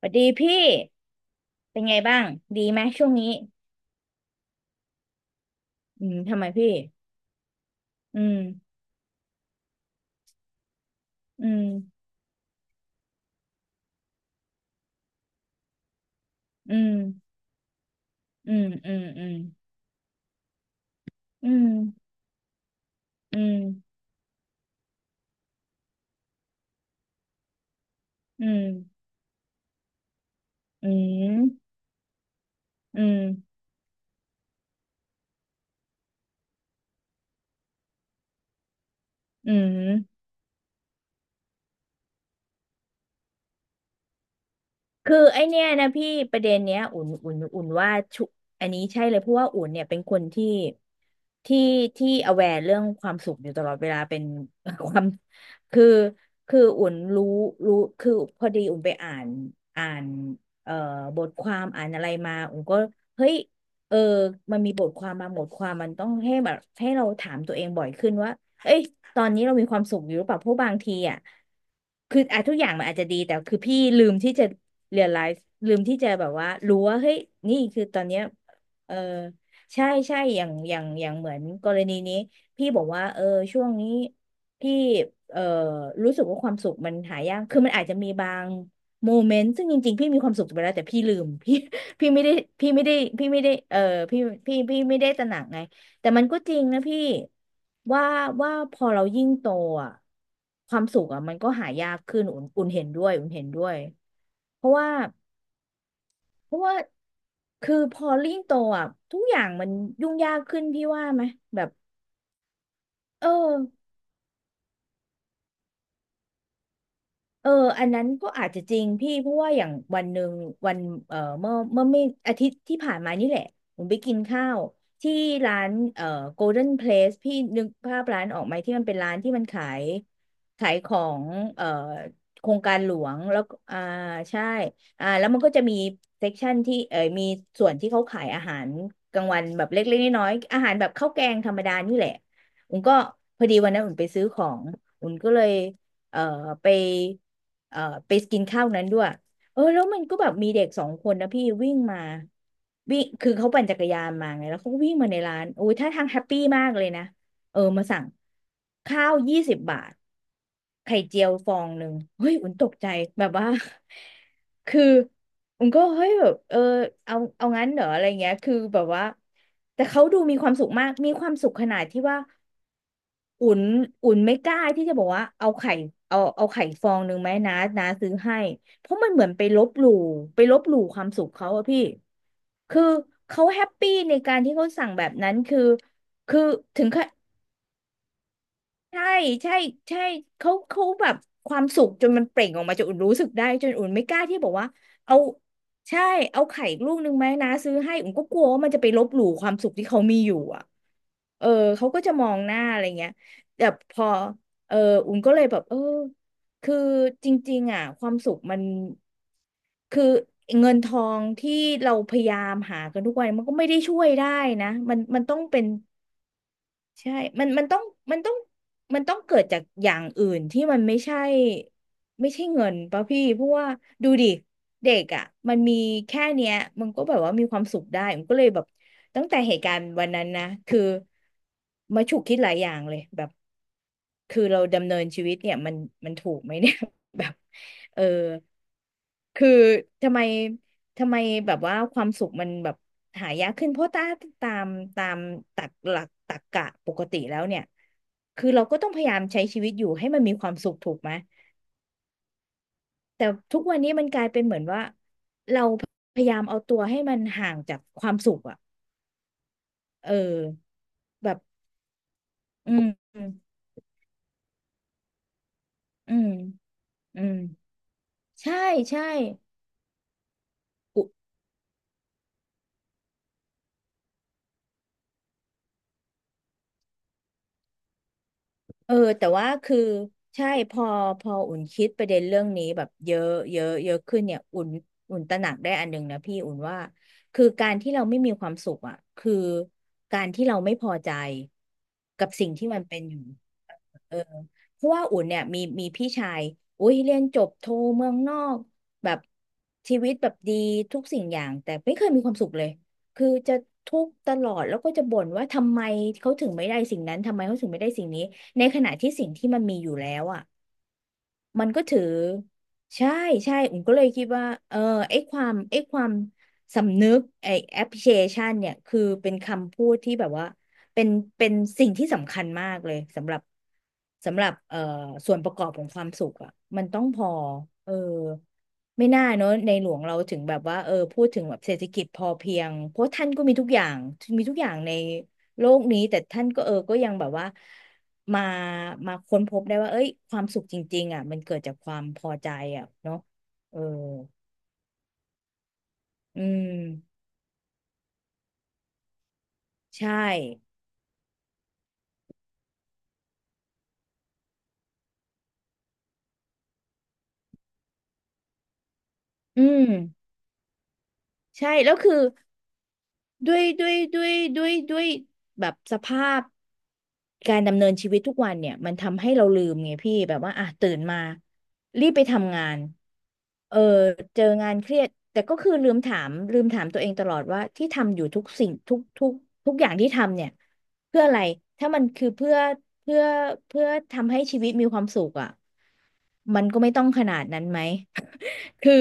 สวัสดีพี่เป็นไงบ้าง ดีไหมช่วงนี้อืมทำไมพี่ อืม อืม อืม อืม อืม อืม อืม อืม อืมอืมอืมอืม คือไอเนี้ยนะพี่ประเด็นเนี้ยอุ่นว่าชุอันนี้ใช่เลยเพราะว่าอุ่นเนี่ยเป็นคนที่ที่ aware เรื่องความสุขอยู่ตลอดเวลาเป็น ความคือคืออุ่นรู้คือพอดีอุ่นไปอ่านเอ่อบทความอ่านอะไรมาอุ่นก็เฮ้ยเออมันมีบทความมาบทความมันต้องให้แบบให้เราถามตัวเองบ่อยขึ้นว่าเอ้ย ตอนนี้เรามีความสุขอยู่หรือเปล่าเพราะบางทีอ่ะคืออ่ะทุกอย่างมันอาจจะดีแต่คือพี่ลืมที่จะเรียลไลซ์ลืมที่จะแบบว่ารู้ว่าเฮ้ยนี่คือตอนเนี้ยเออใช่ใช่อย่างเหมือนกรณีนี้พี่บอกว่าช่วงนี้พี่เออรู้สึกว่าความสุขมันหายากคือมันอาจจะมีบางโมเมนต์ซึ่งจริงๆพี่มีความสุขไปแล้วแต่พี่ลืมพี่ไม่ได้พี่ไม่ได้พี่ไม่ได้เออพี่พี่ไม่ได้ตระหนักไง แต่มันก็จริงนะพี่ว่าว่าพอเรายิ่งโตอ่ะความสุขอ่ะมันก็หายากขึ้นอุ่นเห็นด้วยอุ่นเห็นด้วยเพราะว่าเพราะว่าคือพอยิ่งโตอ่ะทุกอย่างมันยุ่งยากขึ้นพี่ว่าไหมแบบเออ เอออันนั้นก็อาจจะจริงพี่เพราะว่าอย่างวันหนึ่งวันเมื่อไม่อาทิตย์ที่ผ่านมานี่แหละผมไปกินข้าวที่ร้านGolden Place พี่นึกภาพร้านออกไหมที่มันเป็นร้านที่มันขายของเอ่อโครงการหลวงแล้วก็ใช่แล้วมันก็จะมีเซกชันที่มีส่วนที่เขาขายอาหารกลางวันแบบเล็กๆน้อยๆอาหารแบบข้าวแกงธรรมดานี่แหละอุ่นก็พอดีวันนั้นอุ่นไปซื้อของอุ่นก็เลย เอ่อไปเอ่อไปกินข้าวนั้นด้วยเออแล้วมันก็แบบมีเด็กสองคนนะพี่วิ่งมาวิ่งคือเขาปั่นจักรยานมาไงแล้วเขาก็วิ่งมาในร้านโอ้ยท่าทางแฮปปี้มากเลยนะเออมาสั่งข้าว20 บาทไข่เจียวฟองหนึ่งเฮ้ยอุ่นตกใจแบบว่า คืออุ่นก็เฮ้ยแบบเอางั้นเหรออะไรเงี้ยคือแบบว่าแต่เขาดูมีความสุขมากมีความสุขขนาดที่ว่า อุ่นอุ่นไม่กล้าที่จะบอกว่าเอาไข่ฟองหนึ่งไหมนะนะซื้อให้เพราะมันเหมือนไปลบหลู่ความสุขเขาอะพี่คือเขาแฮปปี้ในการที่เขาสั่งแบบนั้นคือถึงขะ ใช่ใช่ใช่เขาแบบความสุขจนมันเปล่งออกมาจนอุ่นรู้สึกได้จนอุ่นไม่กล้าที่บอกว่าเอาใช่เอาไข่ลูกนึงไหมนะซื้อให้อุ่นก็กลัวว่ามันจะไปลบหลู่ความสุขที่เขามีอยู่อ่ะเออเขาก็จะมองหน้าอะไรเงี้ยแต่พอเอออุ่นก็เลยแบบคือจริงๆอ่ะความสุขมันคือเงินทองที่เราพยายามหากันทุกวันมันก็ไม่ได้ช่วยได้นะมันต้องเป็น ใช่มันมันต้องต้องเกิดจากอย่างอื่นที่มันไม่ใช่ไม่ใช่เงินป่ะพี่เพราะว่าดูดิเด็กอ่ะมันมีแค่เนี้ยมันก็แบบว่ามีความสุขได้มันก็เลยแบบตั้งแต่เหตุการณ์วันนั้นนะ คือมาฉุกคิดหลายอย่างเลยแบบคือเราดำเนินชีวิตเนี่ยมันมันถูกไหมเนี่ย แบบเออ คือทำไมทำไมแบบว่าความสุขมันแบบหายากขึ้นเพราะตาตามตามตักหลักตรรกะปกติแล้วเนี่ยคือเราก็ต้องพยายามใช้ชีวิตอยู่ให้มันมีความสุขถูกไหมแต่ทุกวันนี้มันกลายเป็นเหมือนว่าเราพยายามเอาตัวให้มันห่างจากความสุขอ่ะเออแบบอืมอืมอืมใช่ใช่ เออแต่ว่าคือใช่พออุ่นคิดประเด็นเรื่องนี้แบบเยอะเยอะเยอะขึ้นเนี่ยอุ่นตระหนักได้อันหนึ่งนะพี่อุ่นว่าคือการที่เราไม่มีความสุขอ่ะคือการที่เราไม่พอใจกับสิ่งที่มันเป็นอยู่ เออเพราะว่าอุ่นเนี่ยมีพี่ชายอุ้ยเรียนจบโทเมืองนอกแบบชีวิตแบบดีทุกสิ่งอย่างแต่ไม่เคยมีความสุขเลยคือจะทุกข์ตลอดแล้วก็จะบ่นว่าทำไมเขาถึงไม่ได้สิ่งนั้นทำไมเขาถึงไม่ได้สิ่งนี้ในขณะที่สิ่งที่มันมีอยู่แล้วอ่ะ มันก็ถือใช่ใช่ผมก็เลยคิดว่าเออไอ้ความสำนึกไอ้ appreciation เนี่ยคือเป็นคำพูดที่แบบว่าเป็นเป็นสิ่งที่สำคัญมากเลยสำหรับสำหรับส่วนประกอบของความสุขอ่ะมันต้องพอเออไม่น่าเนอะในหลวงเราถึงแบบว่าเออพูดถึงแบบเศรษฐกิจพอเพียงเพราะท่านก็มีทุกอย่างมีทุกอย่างในโลกนี้แต่ท่านก็เออก็ยังแบบว่า มามาค้นพบได้ว่าเอ้ยความสุขจริงๆอ่ะมันเกิดจากความพอใจอ่ะเนาะเอออืมใช่อืมใช่แล้วคือ ด้วยแบบสภาพการดำเนินชีวิตทุกวันเนี่ยมันทำให้เราลืมไงพี่แบบว่าอ่ะตื่นมารีบไปทำงานเออเจองานเครียดแต่ก็คือลืมถามตัวเองตลอดว่าที่ทำอยู่ทุกสิ่งทุกทุกอย่างที่ทำเนี่ยเพื่ออะไรถ้ามันคือเพื่อเพื่อทำให้ชีวิตมีความสุขอ่ะมันก็ไม่ต้องขนาดนั้นไหม คือ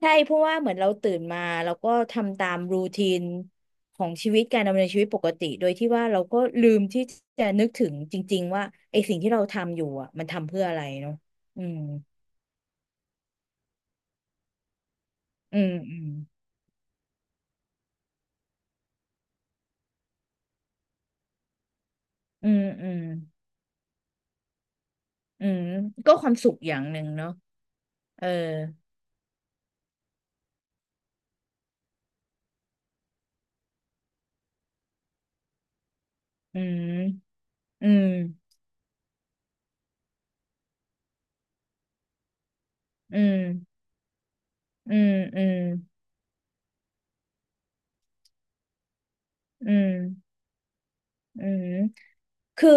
ใช่เพราะว่าเหมือนเราตื่นมาเราก็ทำตามรูทีนของชีวิตการดำเนินชีวิตปกติโดยที่ว่าเราก็ลืมที่จะนึกถึงจริงๆว่าไอ้สิ่งที่เราทำอยู่อ่ะมันทำเพื่ออะไรเนาะอืมอืมอืมอืมอืมอืมก็ความสุขอย่างหนึ่งเนาะเอออืมอืมอืมอืมอืมอืมอืมคือ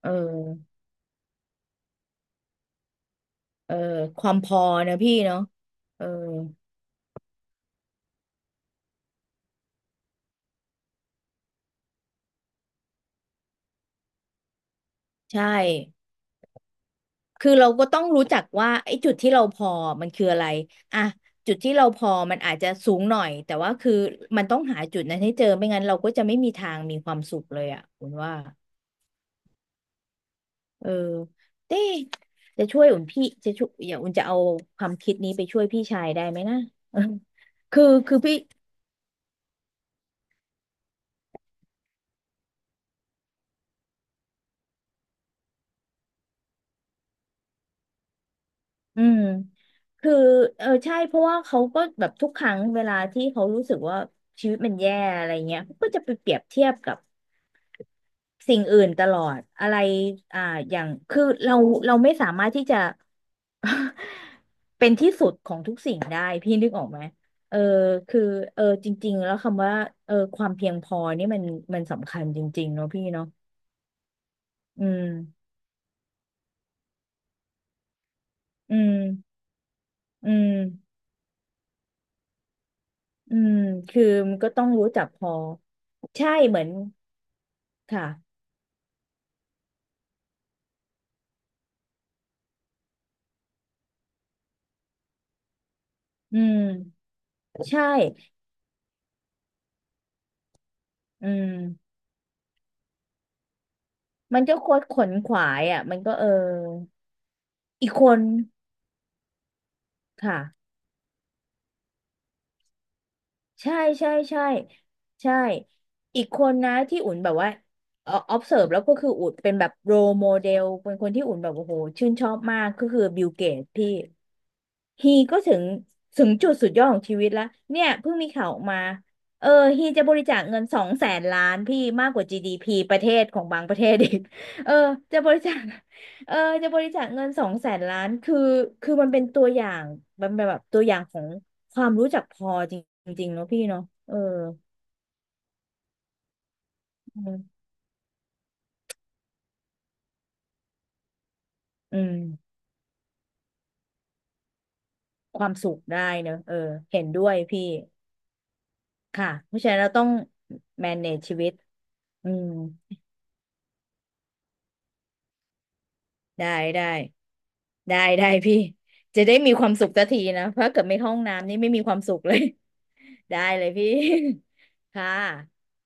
เออเออความพอนะพี่เนาะเออใช่ คือเราก็ต้องรู้จักว่าไอ้จุดที่เราพอมันคืออะไรอ่ะจุดที่เราพอมันอาจจะสูงหน่อยแต่ว่าคือมันต้องหาจุดนั้นให้เจอไม่งั้นเราก็จะไม่มีทางมีความสุขเลยอ่ะอุ่นว่าเออเต้จะช่วยอุ่นพี่จะช่วยอย่าอุ่นจะเอาความคิดนี้ไปช่วยพี่ชายได้ไหมนะเออ คือคือพี่อืมคือเออใช่เพราะว่าเขาก็แบบทุกครั้งเวลาที่เขารู้สึกว่าชีวิตมันแย่อะไรเงี้ยเขาก็จะไปเปรียบเทียบกับ สิ่งอื่นตลอดอะไรอ่าอย่างคือเราเราไม่สามารถที่จะ เป็นที่สุดของทุกสิ่งได้พี่นึกออกไหมเออคือเออจริงๆแล้วคำว่าเออความเพียงพอนี่มันมันสำคัญจริงๆเนาะพี่เนาะอืมอืมอืมอืมคือมันก็ต้องรู้จักพอใช่เหมือนค่ะอืมใช่อืมมันก็คดขวนขวายอ่ะมันก็เอออีกคนค่ะ ใช่ใช่ใช่ใช่ อีกคนนะที่อุ่นแบบว่าobserve แล้วก็คืออุ่นเป็นแบบ role model เป็นคนที่อุ่นแบบโอ้โหชื่นชอบมากก็คือบิลเกตพี่ฮีก็ถึงถึงจุดสุดยอดของชีวิตแล้วเนี่ยเพิ่งมีข่าวออกมาเออฮีจะบริจาคเงินสองแสนล้านพี่มากกว่า GDP ประเทศของบางประเทศอีกเออจะบริจาค เออจะบริจาคเงินสองแสนล้านคือคือมันเป็นตัวอย่างมันเป็นแบบตัวอย่างของความรู้จักพอจริงๆเนาะพี่เนาะเอออืมอืมความสุขได้เนอะเออเห็นด้วยพี่ค่ะเพราะฉะนั้นเราต้อง manage ชีวิตอืมได้ได้ได้ได้พี่จะได้มีความสุขสักทีนะเพราะเกิดไม่เข้าห้องน้ำนี่ไม่มีความสุขเลย ได้เลยพี่ ค่ะ